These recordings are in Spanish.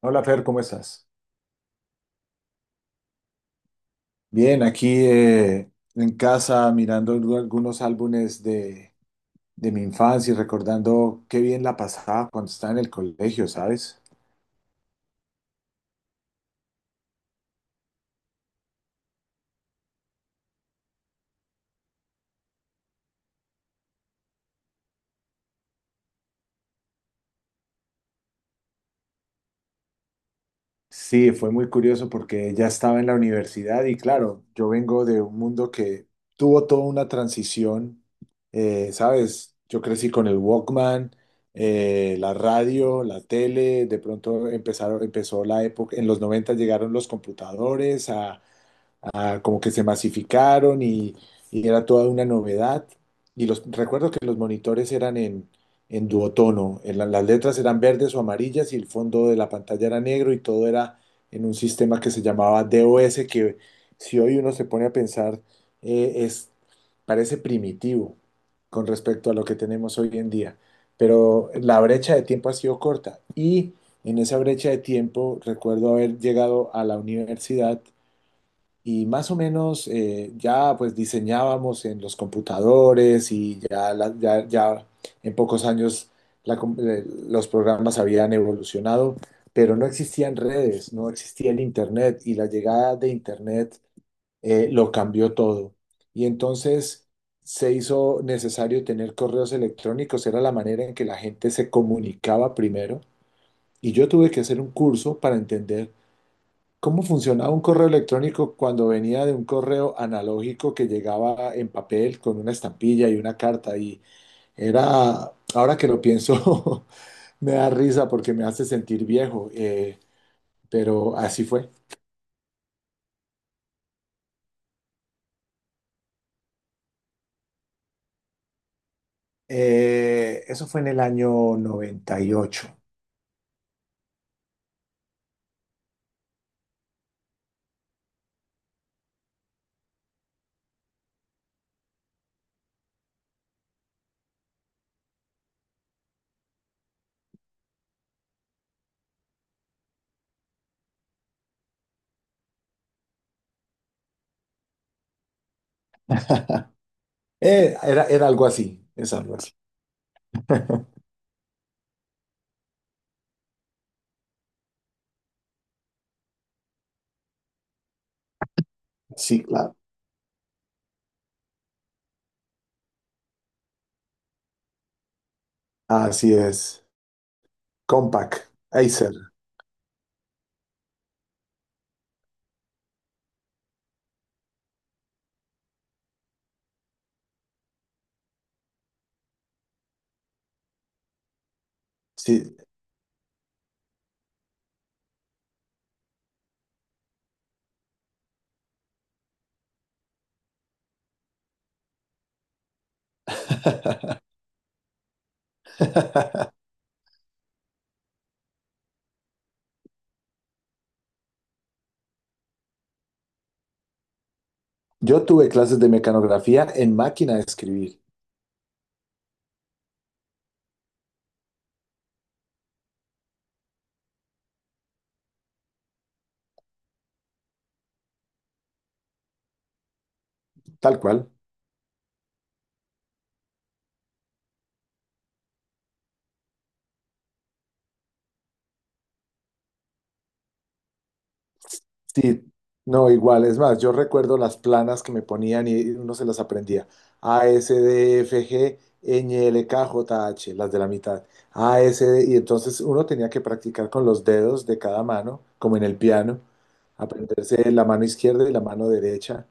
Hola Fer, ¿cómo estás? Bien, aquí en casa mirando algunos álbumes de mi infancia y recordando qué bien la pasaba cuando estaba en el colegio, ¿sabes? Sí, fue muy curioso porque ya estaba en la universidad y claro, yo vengo de un mundo que tuvo toda una transición, ¿sabes? Yo crecí con el Walkman, la radio, la tele, de pronto empezó la época, en los 90 llegaron los computadores a como que se masificaron y era toda una novedad. Y recuerdo que los monitores eran en duotono, en las letras eran verdes o amarillas y el fondo de la pantalla era negro y todo era en un sistema que se llamaba DOS, que si hoy uno se pone a pensar, eh, es, parece primitivo con respecto a lo que tenemos hoy en día. Pero la brecha de tiempo ha sido corta y en esa brecha de tiempo recuerdo haber llegado a la universidad y más o menos ya pues diseñábamos en los computadores y ya, ya en pocos años los programas habían evolucionado, pero no existían redes, no existía el Internet y la llegada de Internet lo cambió todo. Y entonces se hizo necesario tener correos electrónicos, era la manera en que la gente se comunicaba primero. Y yo tuve que hacer un curso para entender ¿cómo funcionaba un correo electrónico cuando venía de un correo analógico que llegaba en papel con una estampilla y una carta? Y era, ahora que lo pienso, me da risa porque me hace sentir viejo, pero así fue. Eso fue en el año 98. Era algo así, es algo así. Sí, claro. Así es. Compaq, Acer, sí. Yo tuve clases de mecanografía en máquina de escribir. Tal cual. Sí, no, igual. Es más, yo recuerdo las planas que me ponían y uno se las aprendía. A, S, D, F, G, Ñ, L, K, J, H, las de la mitad. A, S, D, y entonces uno tenía que practicar con los dedos de cada mano, como en el piano, aprenderse la mano izquierda y la mano derecha.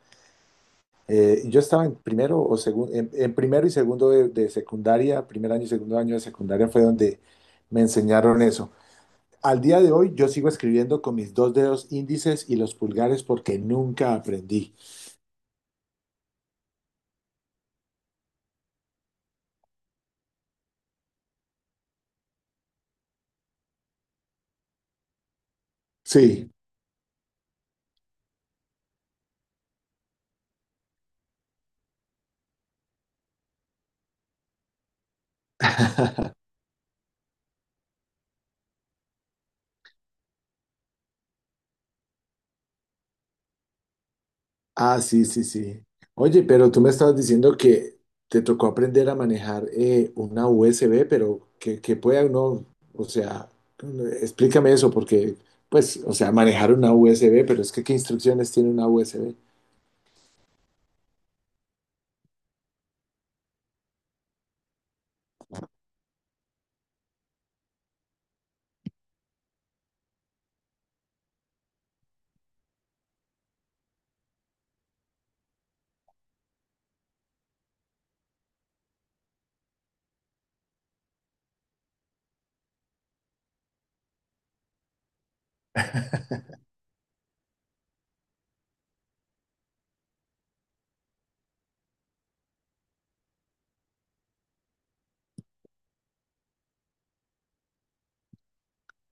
Yo estaba en primero o segundo, en primero y segundo de secundaria, primer año y segundo año de secundaria fue donde me enseñaron eso. Al día de hoy yo sigo escribiendo con mis dos dedos índices y los pulgares porque nunca aprendí. Sí, ah, sí, sí, sí. Oye, pero tú me estabas diciendo que te tocó aprender a manejar una USB, pero que pueda uno, o sea, explícame eso porque, pues, o sea, manejar una USB, pero es que ¿qué instrucciones tiene una USB?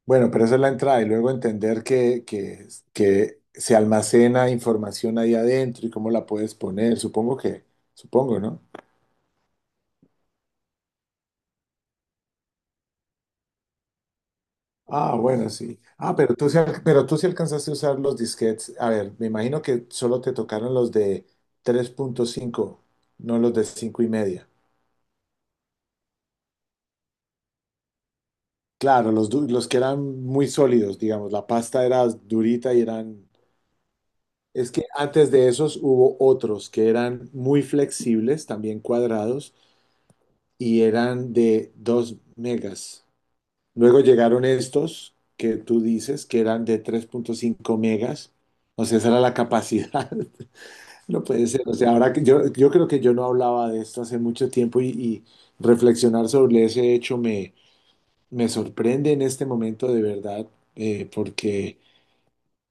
Bueno, pero esa es la entrada y luego entender que se almacena información ahí adentro y cómo la puedes poner, supongo que, supongo. Ah, bueno, sí. Ah, pero tú sí, pero tú sí alcanzaste a usar los disquetes. A ver, me imagino que solo te tocaron los de 3.5, no los de cinco y media. Claro, los que eran muy sólidos, digamos, la pasta era durita y eran... Es que antes de esos hubo otros que eran muy flexibles, también cuadrados, y eran de 2 megas. Luego llegaron estos que tú dices que eran de 3.5 megas. O sea, esa era la capacidad. No puede ser, o sea, ahora yo creo que yo no hablaba de esto hace mucho tiempo y reflexionar sobre ese hecho me sorprende en este momento de verdad, porque,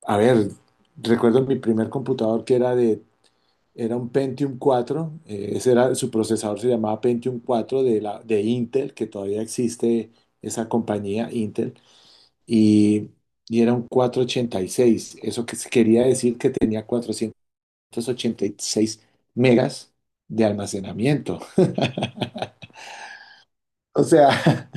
a ver, recuerdo mi primer computador que era era un Pentium cuatro ese era, su procesador se llamaba Pentium cuatro de de Intel, que todavía existe esa compañía Intel, y, y era un 486 eso que quería decir que tenía 486 megas de almacenamiento. O sea,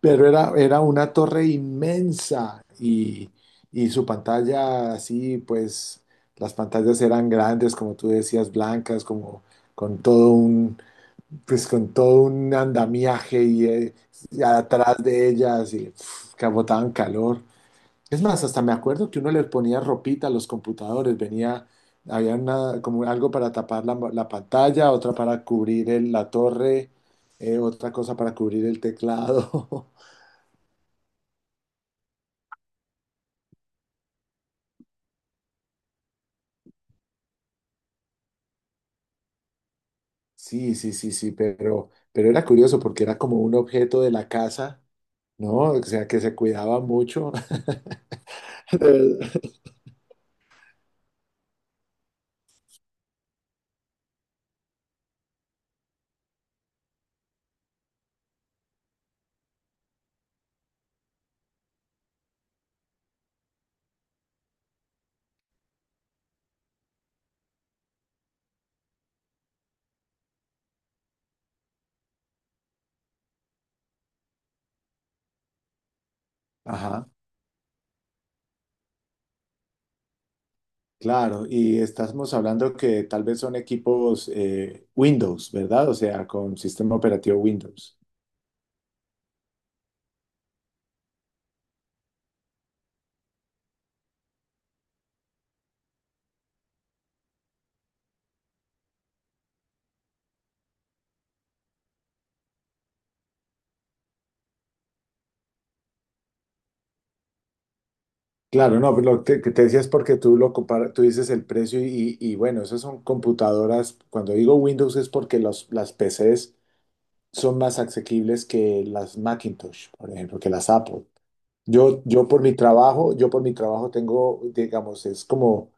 pero era una torre inmensa y su pantalla así, pues las pantallas eran grandes, como tú decías, blancas, como con todo pues con todo un andamiaje y atrás de ellas y uf, que botaban calor. Es más, hasta me acuerdo que uno le ponía ropita a los computadores, venía, había una, como algo para tapar la pantalla, otra para cubrir la torre, otra cosa para cubrir el teclado. Sí, sí, sí, sí, pero era curioso porque era como un objeto de la casa, ¿no? O sea, que se cuidaba mucho. Ajá, claro, y estamos hablando que tal vez son equipos Windows, ¿verdad? O sea, con sistema operativo Windows. Claro, no, pero lo que te decía es porque tú lo comparas, tú dices el precio y bueno, esas son computadoras. Cuando digo Windows es porque las PCs son más asequibles que las Macintosh, por ejemplo, que las Apple. Yo por mi trabajo tengo, digamos, es como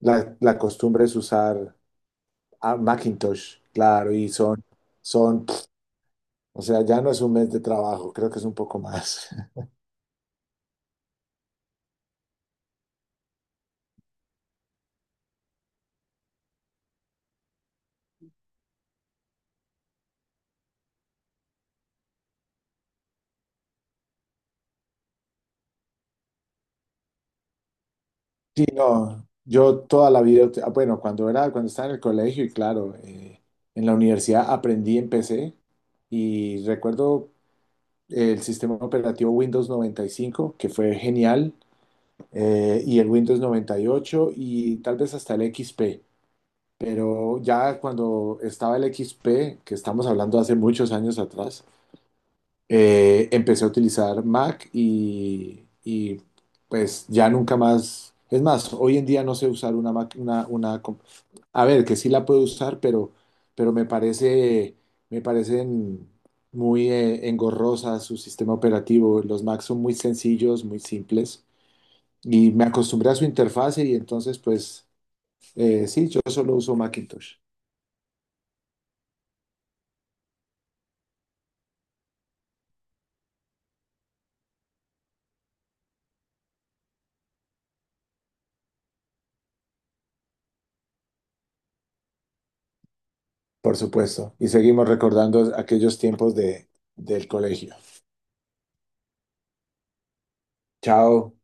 la costumbre es usar a Macintosh, claro, pf, o sea, ya no es un mes de trabajo, creo que es un poco más. Sí, no, yo toda la vida, bueno, cuando era, cuando estaba en el colegio y claro, en la universidad aprendí en PC y recuerdo el sistema operativo Windows 95 que fue genial, y el Windows 98 y ocho y tal vez hasta el XP, pero ya cuando estaba el XP, que estamos hablando hace muchos años atrás, empecé a utilizar Mac pues ya nunca más. Es más, hoy en día no sé usar una Mac, una a ver, que sí la puedo usar, pero me parece, me parecen muy engorrosas su sistema operativo. Los Macs son muy sencillos, muy simples y me acostumbré a su interfase y entonces pues sí, yo solo uso Macintosh, por supuesto. Y seguimos recordando aquellos tiempos de, del colegio. Chao.